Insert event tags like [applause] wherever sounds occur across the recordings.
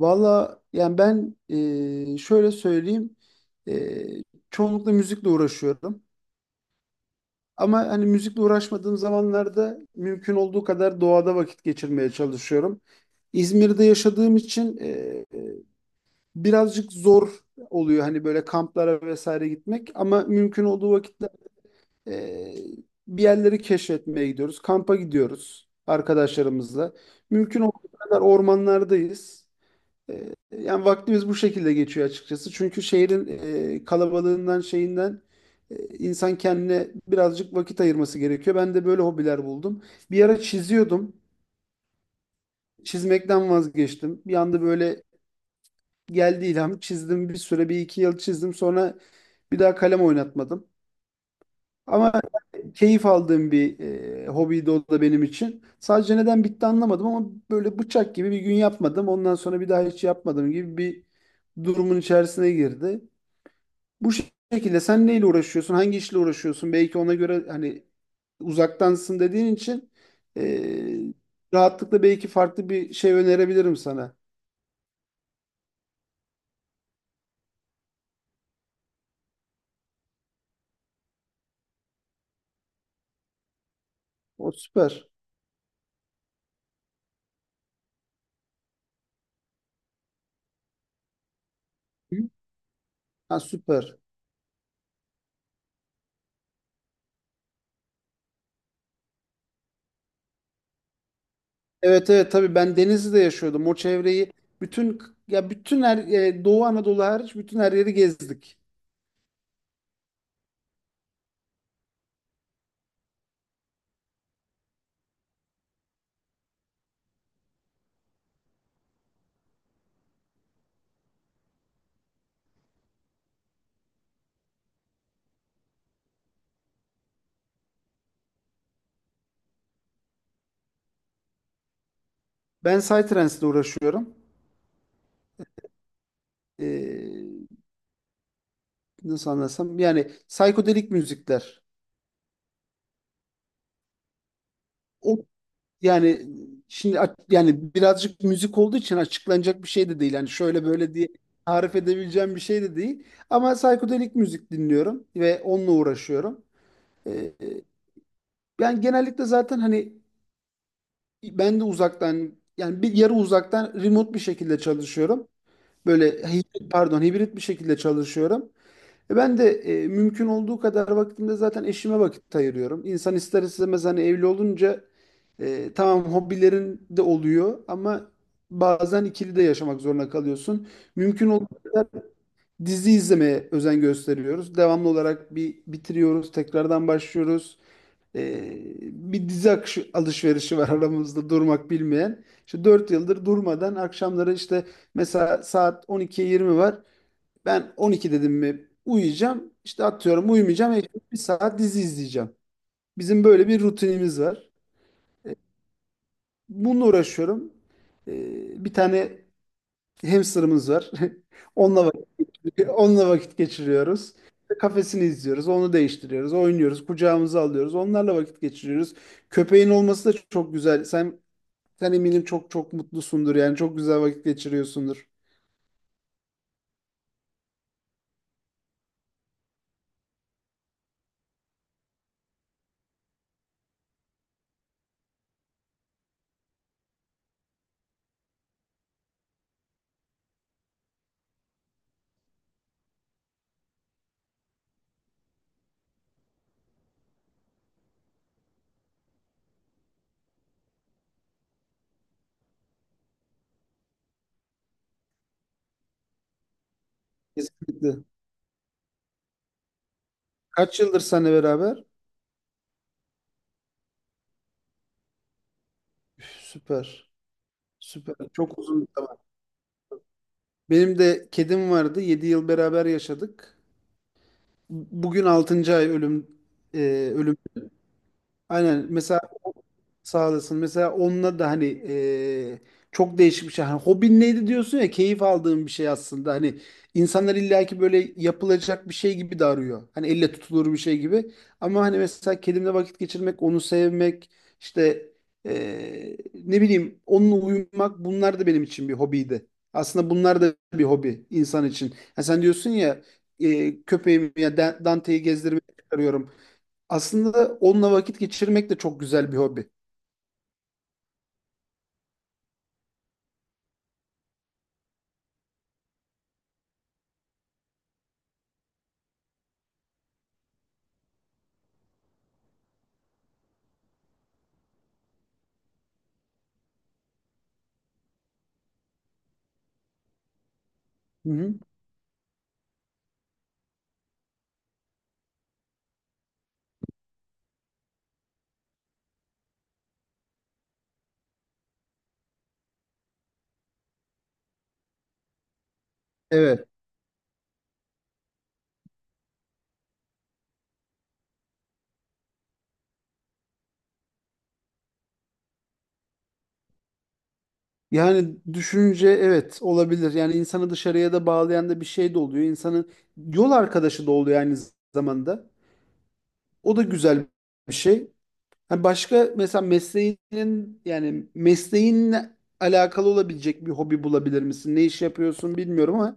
Valla yani ben şöyle söyleyeyim e, çoğunlukla müzikle uğraşıyorum. Ama hani müzikle uğraşmadığım zamanlarda mümkün olduğu kadar doğada vakit geçirmeye çalışıyorum. İzmir'de yaşadığım için e, birazcık zor oluyor hani böyle kamplara vesaire gitmek. Ama mümkün olduğu vakitte e, bir yerleri keşfetmeye gidiyoruz. Kampa gidiyoruz arkadaşlarımızla. Mümkün olduğu kadar ormanlardayız. Yani vaktimiz bu şekilde geçiyor açıkçası. Çünkü şehrin kalabalığından şeyinden insan kendine birazcık vakit ayırması gerekiyor. Ben de böyle hobiler buldum. Bir ara çiziyordum. Çizmekten vazgeçtim. Bir anda böyle geldi ilham. Çizdim bir süre bir iki yıl çizdim. Sonra bir daha kalem oynatmadım. Ama keyif aldığım bir hobiydi o da benim için. Sadece neden bitti anlamadım ama böyle bıçak gibi bir gün yapmadım. Ondan sonra bir daha hiç yapmadım gibi bir durumun içerisine girdi. Bu şekilde sen neyle uğraşıyorsun, hangi işle uğraşıyorsun? Belki ona göre hani uzaktansın dediğin için eee, rahatlıkla belki farklı bir şey önerebilirim sana. O süper. Hı? Ha, süper. Evet, evet, tabii ben Denizli'de yaşıyordum. O çevreyi bütün ya bütün her Doğu Anadolu hariç bütün her yeri gezdik. Ben Psytrance'le uğraşıyorum. Eee, nasıl anlasam, yani psikodelik müzikler. O, yani şimdi yani birazcık müzik olduğu için açıklanacak bir şey de değil. Yani şöyle böyle diye tarif edebileceğim bir şey de değil. Ama psikodelik müzik dinliyorum ve onunla uğraşıyorum. Ee, e, ben genellikle zaten hani ben de uzaktan, yani bir yarı uzaktan remote bir şekilde çalışıyorum. Böyle hibrit, pardon, hibrit bir şekilde çalışıyorum. Ben de mümkün olduğu kadar vaktimde zaten eşime vakit ayırıyorum. İnsan ister istemez hani evli olunca tamam, hobilerin de oluyor ama bazen ikili de yaşamak zorunda kalıyorsun. Mümkün olduğu kadar dizi izlemeye özen gösteriyoruz. Devamlı olarak bir bitiriyoruz, tekrardan başlıyoruz. E, Bir dizi alışverişi var [laughs] aramızda durmak bilmeyen. İşte 4 yıldır durmadan akşamları, işte mesela saat 12'ye 20 var. Ben 12 dedim mi uyuyacağım. İşte atıyorum uyumayacağım. Bir saat dizi izleyeceğim. Bizim böyle bir rutinimiz var. E, Bununla uğraşıyorum. Bir tane hamsterımız var. [laughs] Onunla onunla vakit geçiriyoruz. İşte kafesini izliyoruz. Onu değiştiriyoruz. Oynuyoruz. Kucağımıza alıyoruz. Onlarla vakit geçiriyoruz. Köpeğin olması da çok güzel. Sen eminim çok çok mutlusundur. Yani çok güzel vakit geçiriyorsundur. Kesinlikle. Kaç yıldır seninle beraber? Üf, süper. Süper. Çok uzun bir Benim de kedim vardı. 7 yıl beraber yaşadık. Bugün altıncı ay ölümden. Aynen, mesela, sağ olasın. Mesela onunla da hani çok değişik bir şey. Hani hobin neydi diyorsun ya, keyif aldığın bir şey aslında. Hani insanlar illaki böyle yapılacak bir şey gibi de arıyor. Hani elle tutulur bir şey gibi. Ama hani mesela kedimle vakit geçirmek, onu sevmek, işte ne bileyim, onunla uyumak, bunlar da benim için bir hobiydi. Aslında bunlar da bir hobi insan için. Ha sen diyorsun ya köpeğimi ya Dante'yi gezdirmeye çıkarıyorum. Aslında onunla vakit geçirmek de çok güzel bir hobi. Hı hı. Evet. Yani düşünce evet, olabilir. Yani insanı dışarıya da bağlayan da bir şey de oluyor. İnsanın yol arkadaşı da oluyor aynı zamanda. O da güzel bir şey. Ha başka, mesela mesleğinin, yani mesleğinle alakalı olabilecek bir hobi bulabilir misin? Ne iş yapıyorsun bilmiyorum ama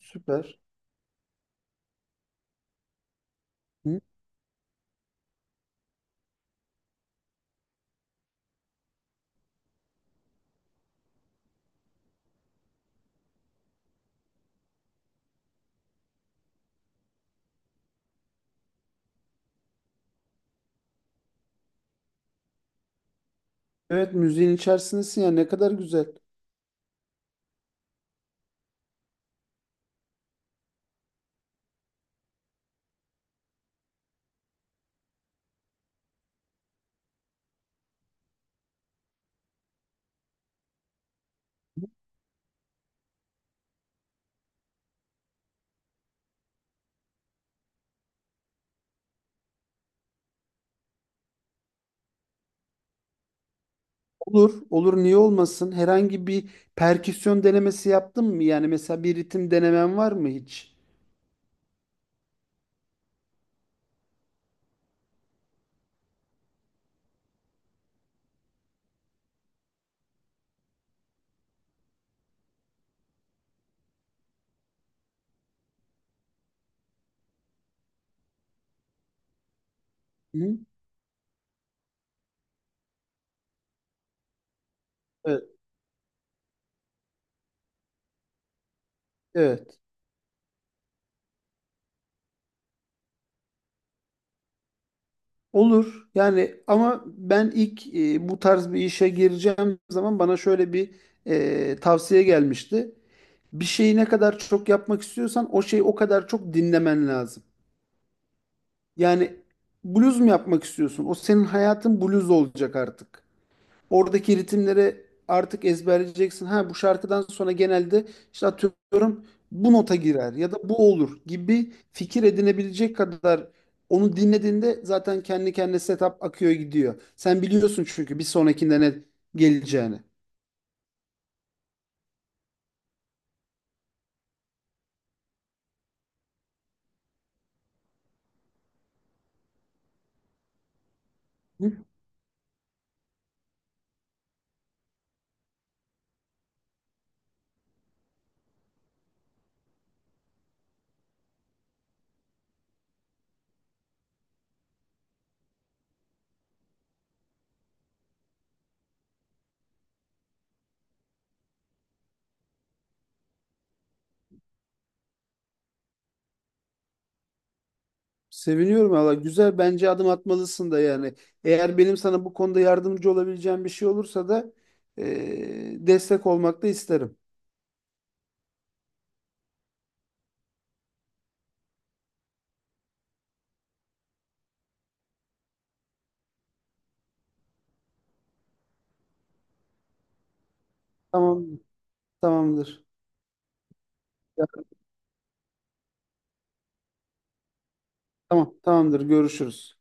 süper. Hı. Evet, müziğin içerisindesin ya, ne kadar güzel. Olur, olur, niye olmasın? Herhangi bir perküsyon denemesi yaptın mı? Yani mesela bir ritim denemen var mı hiç? Hı? Evet, evet. Olur. Yani ama ben ilk bu tarz bir işe gireceğim zaman bana şöyle bir tavsiye gelmişti. Bir şeyi ne kadar çok yapmak istiyorsan o şeyi o kadar çok dinlemen lazım. Yani bluz mu yapmak istiyorsun? O senin hayatın bluz olacak artık. Oradaki ritimleri artık ezberleyeceksin. Ha bu şarkıdan sonra genelde işte atıyorum bu nota girer ya da bu olur gibi fikir edinebilecek kadar onu dinlediğinde zaten kendi kendine setup akıyor gidiyor. Sen biliyorsun çünkü bir sonrakinde ne geleceğini. Hı? Seviniyorum valla. Güzel, bence adım atmalısın da yani. Eğer benim sana bu konuda yardımcı olabileceğim bir şey olursa da destek olmak da isterim. Tamam, tamamdır. Ya, tamam, tamamdır. Görüşürüz.